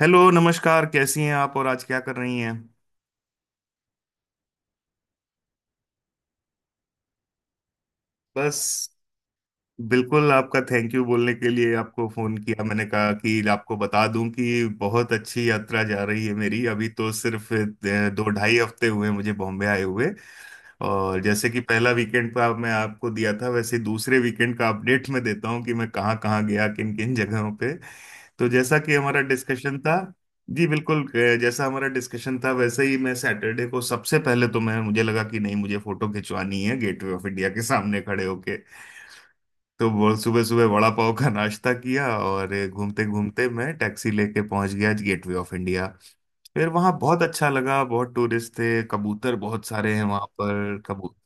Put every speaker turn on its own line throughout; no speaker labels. Hello, नमस्कार। कैसी हैं आप और आज क्या कर रही हैं? बस, बिल्कुल आपका थैंक यू बोलने के लिए आपको फोन किया। मैंने कहा कि आपको बता दूं कि बहुत अच्छी यात्रा जा रही है मेरी। अभी तो सिर्फ दो ढाई हफ्ते हुए हैं मुझे बॉम्बे आए हुए। और जैसे कि पहला वीकेंड का मैं आपको दिया था, वैसे दूसरे वीकेंड का अपडेट मैं देता हूं कि मैं कहाँ कहाँ गया, किन किन जगहों पे। तो जैसा कि हमारा डिस्कशन था, जी बिल्कुल। जैसा हमारा डिस्कशन था वैसे ही, मैं सैटरडे को सबसे पहले, तो मैं मुझे लगा कि नहीं, मुझे फोटो खिंचवानी है गेटवे ऑफ इंडिया के सामने खड़े होके। तो वो सुबह सुबह वड़ा पाव का नाश्ता किया और घूमते घूमते मैं टैक्सी लेके पहुंच गया गेटवे ऑफ इंडिया। फिर वहां बहुत अच्छा लगा, बहुत टूरिस्ट थे, कबूतर बहुत सारे हैं वहां पर, कबूतर।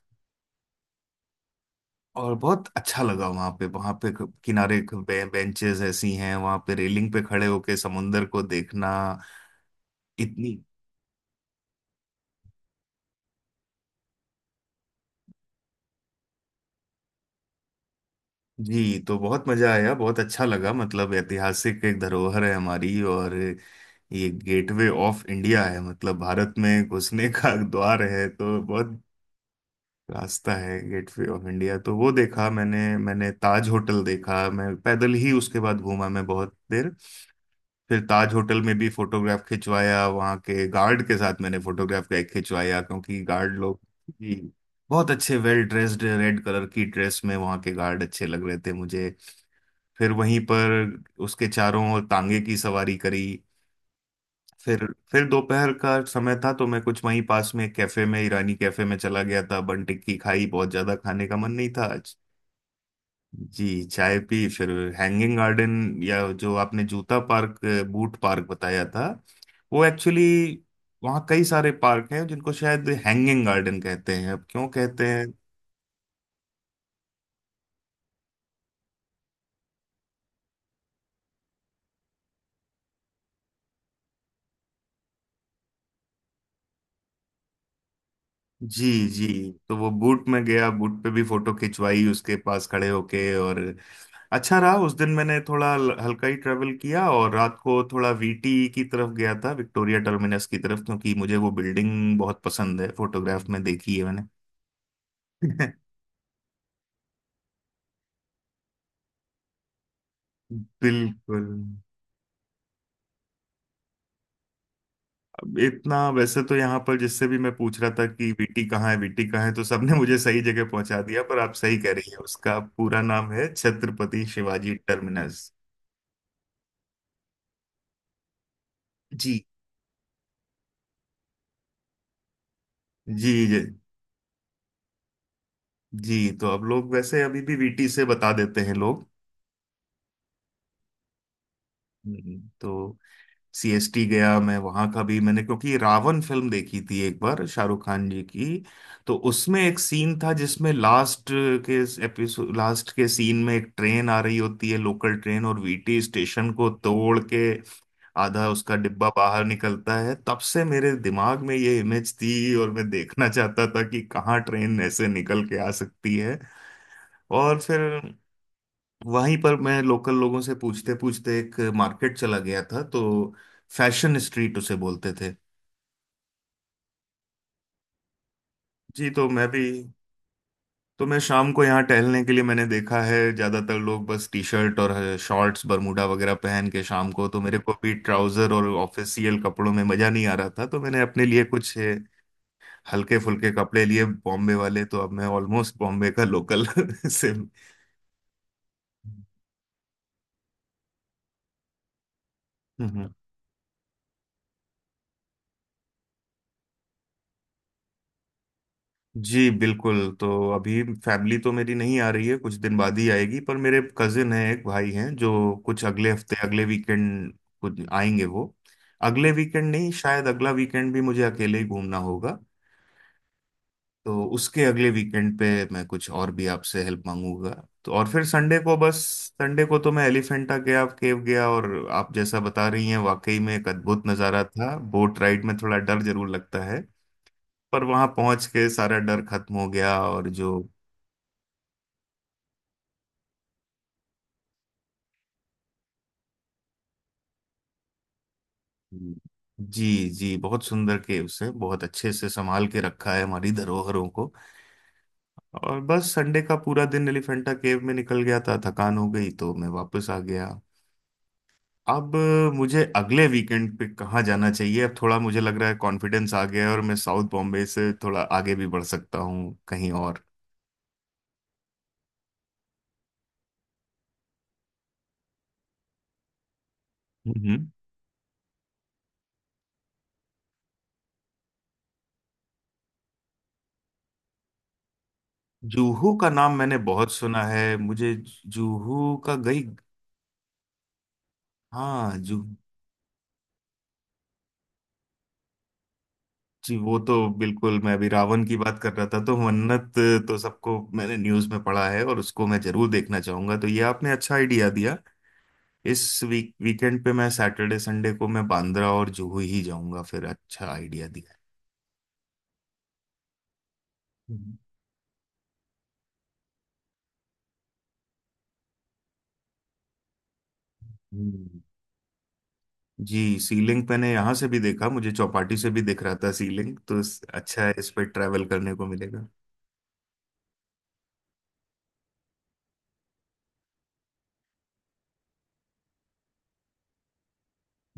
और बहुत अच्छा लगा वहां पे। किनारे बेंचेस ऐसी हैं वहां पे, रेलिंग पे खड़े होके समुंदर को देखना। इतनी। जी तो बहुत मजा आया, बहुत अच्छा लगा। मतलब ऐतिहासिक एक धरोहर है हमारी, और ये गेटवे ऑफ इंडिया है, मतलब भारत में घुसने का द्वार है। तो बहुत, रास्ता है गेटवे ऑफ इंडिया। तो वो देखा मैंने मैंने ताज होटल देखा। मैं पैदल ही उसके बाद घूमा, मैं बहुत देर। फिर ताज होटल में भी फोटोग्राफ खिंचवाया वहाँ के गार्ड के साथ, मैंने फोटोग्राफ खिंचवाया, क्योंकि गार्ड लोग, जी, बहुत अच्छे वेल ड्रेस्ड रेड कलर की ड्रेस में वहाँ के गार्ड अच्छे लग रहे थे मुझे। फिर वहीं पर उसके चारों ओर तांगे की सवारी करी। फिर फिर दोपहर का समय था, तो मैं कुछ वहीं पास में एक कैफे में, ईरानी कैफे में चला गया था। बन टिक्की खाई, बहुत ज्यादा खाने का मन नहीं था आज। जी, चाय पी। फिर हैंगिंग गार्डन, या जो आपने जूता पार्क, बूट पार्क बताया था वो, एक्चुअली वहाँ कई सारे पार्क हैं जिनको शायद हैंगिंग गार्डन कहते हैं। अब क्यों कहते हैं? जी जी। तो वो बूट में गया, बूट पे भी फोटो खिंचवाई उसके पास खड़े होके। और अच्छा रहा। उस दिन मैंने थोड़ा हल्का ही ट्रेवल किया, और रात को थोड़ा वीटी की तरफ गया था, विक्टोरिया टर्मिनस की तरफ, क्योंकि मुझे वो बिल्डिंग बहुत पसंद है, फोटोग्राफ में देखी है मैंने। बिल्कुल। अब इतना, वैसे तो यहाँ पर जिससे भी मैं पूछ रहा था कि वीटी कहाँ है, वीटी कहाँ है, तो सबने मुझे सही जगह पहुंचा दिया। पर आप सही कह रही है, उसका पूरा नाम है छत्रपति शिवाजी टर्मिनस। जी जी जी जी। तो अब लोग वैसे अभी भी वीटी से बता देते हैं लोग। तो सीएसटी गया मैं। वहां का भी मैंने, क्योंकि रावण फिल्म देखी थी एक बार शाहरुख खान जी की, तो उसमें एक सीन था जिसमें लास्ट के एपिसोड, लास्ट के सीन में एक ट्रेन आ रही होती है, लोकल ट्रेन, और वीटी स्टेशन को तोड़ के आधा उसका डिब्बा बाहर निकलता है। तब से मेरे दिमाग में ये इमेज थी, और मैं देखना चाहता था कि कहाँ ट्रेन ऐसे निकल के आ सकती है। और फिर वहीं पर मैं लोकल लोगों से पूछते पूछते एक मार्केट चला गया था, तो फैशन स्ट्रीट उसे बोलते थे। जी। तो मैं भी, तो मैं शाम को यहाँ टहलने के लिए, मैंने देखा है ज्यादातर लोग बस टी शर्ट और शॉर्ट्स बरमूडा वगैरह पहन के शाम को, तो मेरे को भी ट्राउजर और ऑफिशियल कपड़ों में मजा नहीं आ रहा था, तो मैंने अपने लिए कुछ हल्के फुल्के कपड़े लिए बॉम्बे वाले। तो अब मैं ऑलमोस्ट बॉम्बे का लोकल से। हम्म। जी बिल्कुल। तो अभी फैमिली तो मेरी नहीं आ रही है, कुछ दिन बाद ही आएगी, पर मेरे कजिन हैं, एक भाई हैं जो कुछ अगले हफ्ते, अगले वीकेंड कुछ आएंगे वो। अगले वीकेंड नहीं, शायद अगला वीकेंड भी मुझे अकेले ही घूमना होगा। तो उसके अगले वीकेंड पे मैं कुछ और भी आपसे हेल्प मांगूंगा। तो और फिर संडे को, बस संडे को तो मैं एलिफेंटा गया, केव गया, और आप जैसा बता रही हैं वाकई में एक अद्भुत नज़ारा था। बोट राइड में थोड़ा डर जरूर लगता है, पर वहां पहुंच के सारा डर खत्म हो गया। और जो, जी जी, बहुत सुंदर, के उसे बहुत अच्छे से संभाल के रखा है हमारी धरोहरों को। और बस संडे का पूरा दिन एलिफेंटा केव में निकल गया था, थकान हो गई तो मैं वापस आ गया। अब मुझे अगले वीकेंड पे कहाँ जाना चाहिए? अब थोड़ा मुझे लग रहा है कॉन्फिडेंस आ गया है, और मैं साउथ बॉम्बे से थोड़ा आगे भी बढ़ सकता हूँ कहीं और। हम्म। जुहू का नाम मैंने बहुत सुना है मुझे। जुहू का गई, हाँ, जू। जी, वो तो बिल्कुल। मैं अभी रावण की बात कर रहा था तो मन्नत, तो सबको, मैंने न्यूज़ में पढ़ा है और उसको मैं जरूर देखना चाहूंगा। तो ये आपने अच्छा आइडिया दिया। इस वीकेंड पे मैं सैटरडे संडे को मैं बांद्रा और जुहू ही जाऊंगा फिर। अच्छा आइडिया दिया। हम्म। हम्म। जी, सीलिंग मैंने यहाँ से भी देखा मुझे, चौपाटी से भी दिख रहा था सीलिंग, तो अच्छा है, इस पे ट्रैवल करने को मिलेगा।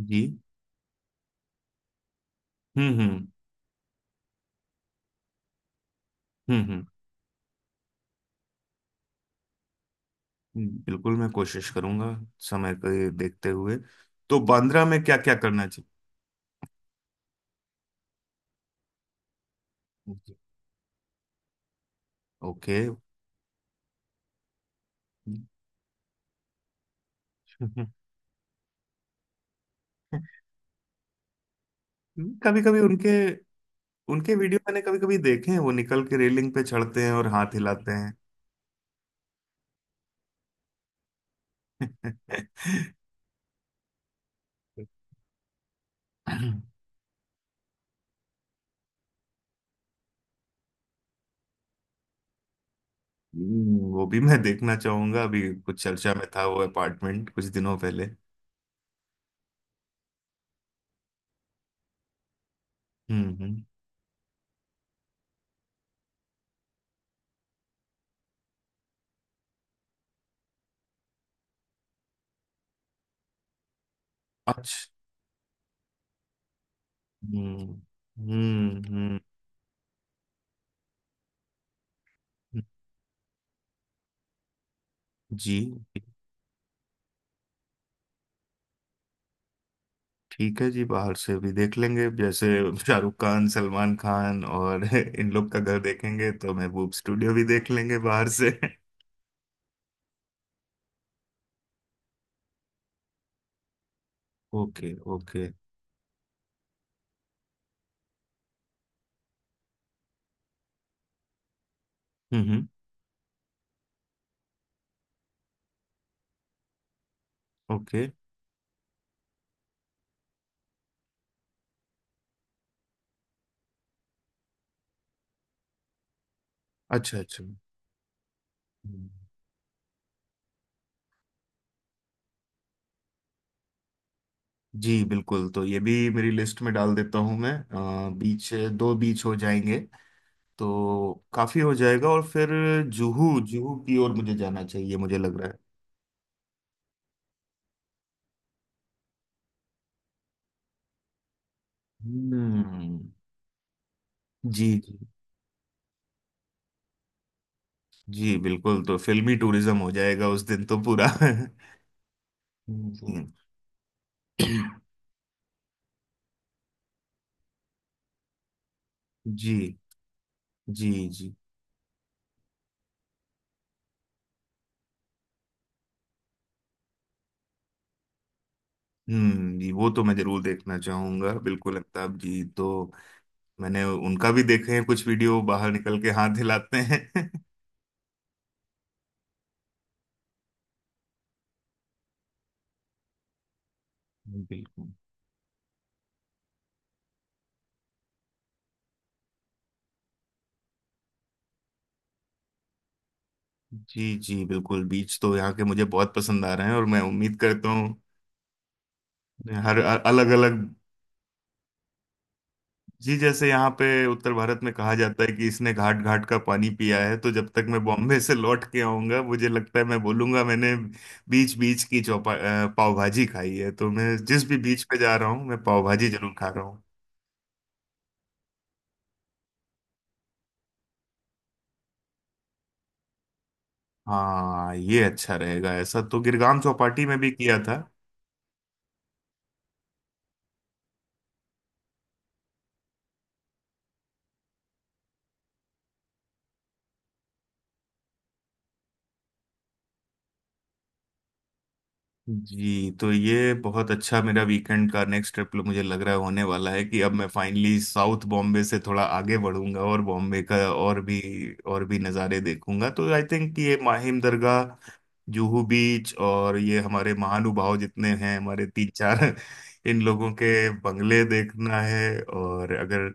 जी। हम्म। हम्म। हम्म। हम्म। बिल्कुल मैं कोशिश करूंगा, समय को ये देखते हुए। तो बांद्रा में क्या क्या करना? ओके। कभी कभी उनके, वीडियो मैंने कभी कभी देखे हैं, वो निकल के रेलिंग पे चढ़ते हैं और हाथ हिलाते हैं। वो भी मैं देखना चाहूंगा। अभी कुछ चर्चा में था वो अपार्टमेंट कुछ दिनों पहले। हम्म। अच्छा। हम्म हम्म। हम्म, जी, ठीक है जी, बाहर से भी देख लेंगे। जैसे शाहरुख खान, सलमान खान और इन लोग का घर देखेंगे, तो महबूब स्टूडियो भी देख लेंगे बाहर से। Okay okay. हम्म। ओके। अच्छा अच्छा। हम्म, जी बिल्कुल, तो ये भी मेरी लिस्ट में डाल देता हूँ मैं। बीच, दो बीच हो जाएंगे, तो काफी हो जाएगा। और फिर जुहू, की ओर मुझे जाना चाहिए, मुझे लग रहा है। हम्म। जी जी जी बिल्कुल, तो फिल्मी टूरिज्म हो जाएगा उस दिन तो पूरा। हम्म, जी जी जी। जी, वो तो मैं जरूर देखना चाहूंगा बिल्कुल, अमिताभ जी तो। मैंने उनका भी देखे हैं कुछ वीडियो, बाहर निकल के हाथ हिलाते हैं। बिल्कुल। जी जी बिल्कुल, बीच तो यहाँ के मुझे बहुत पसंद आ रहे हैं, और मैं उम्मीद करता हूँ हर अलग अलग। जी, जैसे यहाँ पे उत्तर भारत में कहा जाता है कि इसने घाट घाट का पानी पिया है, तो जब तक मैं बॉम्बे से लौट के आऊंगा, मुझे लगता है मैं बोलूंगा मैंने बीच बीच की पाव भाजी खाई है। तो मैं जिस भी बीच पे जा रहा हूँ, मैं पाव भाजी जरूर खा रहा हूँ। हाँ, ये अच्छा रहेगा, ऐसा तो गिरगाम चौपाटी में भी किया था। जी, तो ये बहुत अच्छा मेरा वीकेंड का नेक्स्ट ट्रिप मुझे लग रहा है होने वाला है, कि अब मैं फाइनली साउथ बॉम्बे से थोड़ा आगे बढ़ूंगा और बॉम्बे का और भी नज़ारे देखूंगा। तो आई थिंक ये माहिम दरगाह, जुहू बीच, और ये हमारे महानुभाव जितने हैं, हमारे तीन चार। इन लोगों के बंगले देखना है। और अगर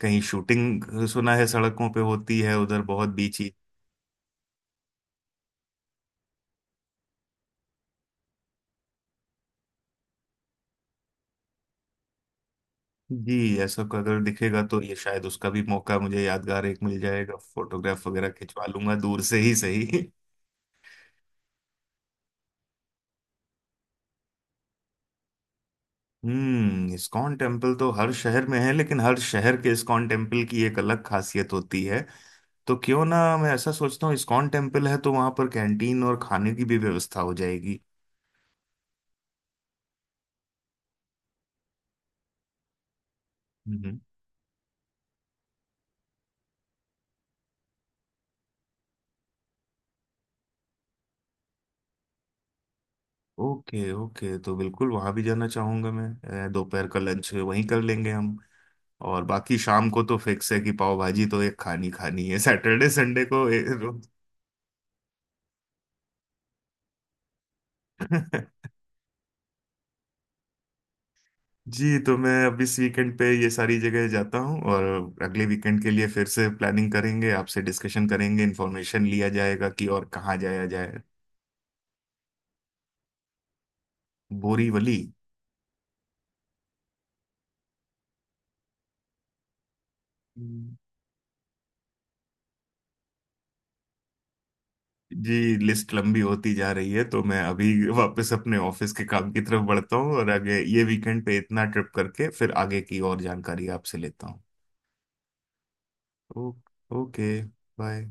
कहीं शूटिंग, सुना है सड़कों पे होती है उधर बहुत, बीच। जी, ऐसा को अगर दिखेगा तो ये शायद उसका भी मौका मुझे, यादगार एक मिल जाएगा, फोटोग्राफ वगैरह खिंचवा लूंगा दूर से ही सही। इस्कॉन टेम्पल तो हर शहर में है, लेकिन हर शहर के इस्कॉन टेम्पल की एक अलग खासियत होती है। तो क्यों ना, मैं ऐसा सोचता हूँ इस्कॉन टेम्पल है तो वहां पर कैंटीन और खाने की भी व्यवस्था हो जाएगी। हम्म। ओके ओके, तो बिल्कुल वहां भी जाना चाहूंगा मैं। दोपहर का लंच वहीं कर लेंगे हम। और बाकी शाम को तो फिक्स है कि पाव भाजी तो एक खानी खानी है, सैटरडे संडे को। जी, तो मैं अब इस वीकेंड पे ये सारी जगह जाता हूँ, और अगले वीकेंड के लिए फिर से प्लानिंग करेंगे, आपसे डिस्कशन करेंगे, इन्फॉर्मेशन लिया जाएगा कि और कहाँ जाया जाए। बोरीवली? हम्म। जी, लिस्ट लंबी होती जा रही है, तो मैं अभी वापस अपने ऑफिस के काम की तरफ बढ़ता हूँ, और आगे ये वीकेंड पे इतना ट्रिप करके फिर आगे की और जानकारी आपसे लेता हूँ। ओ, ओके, बाय।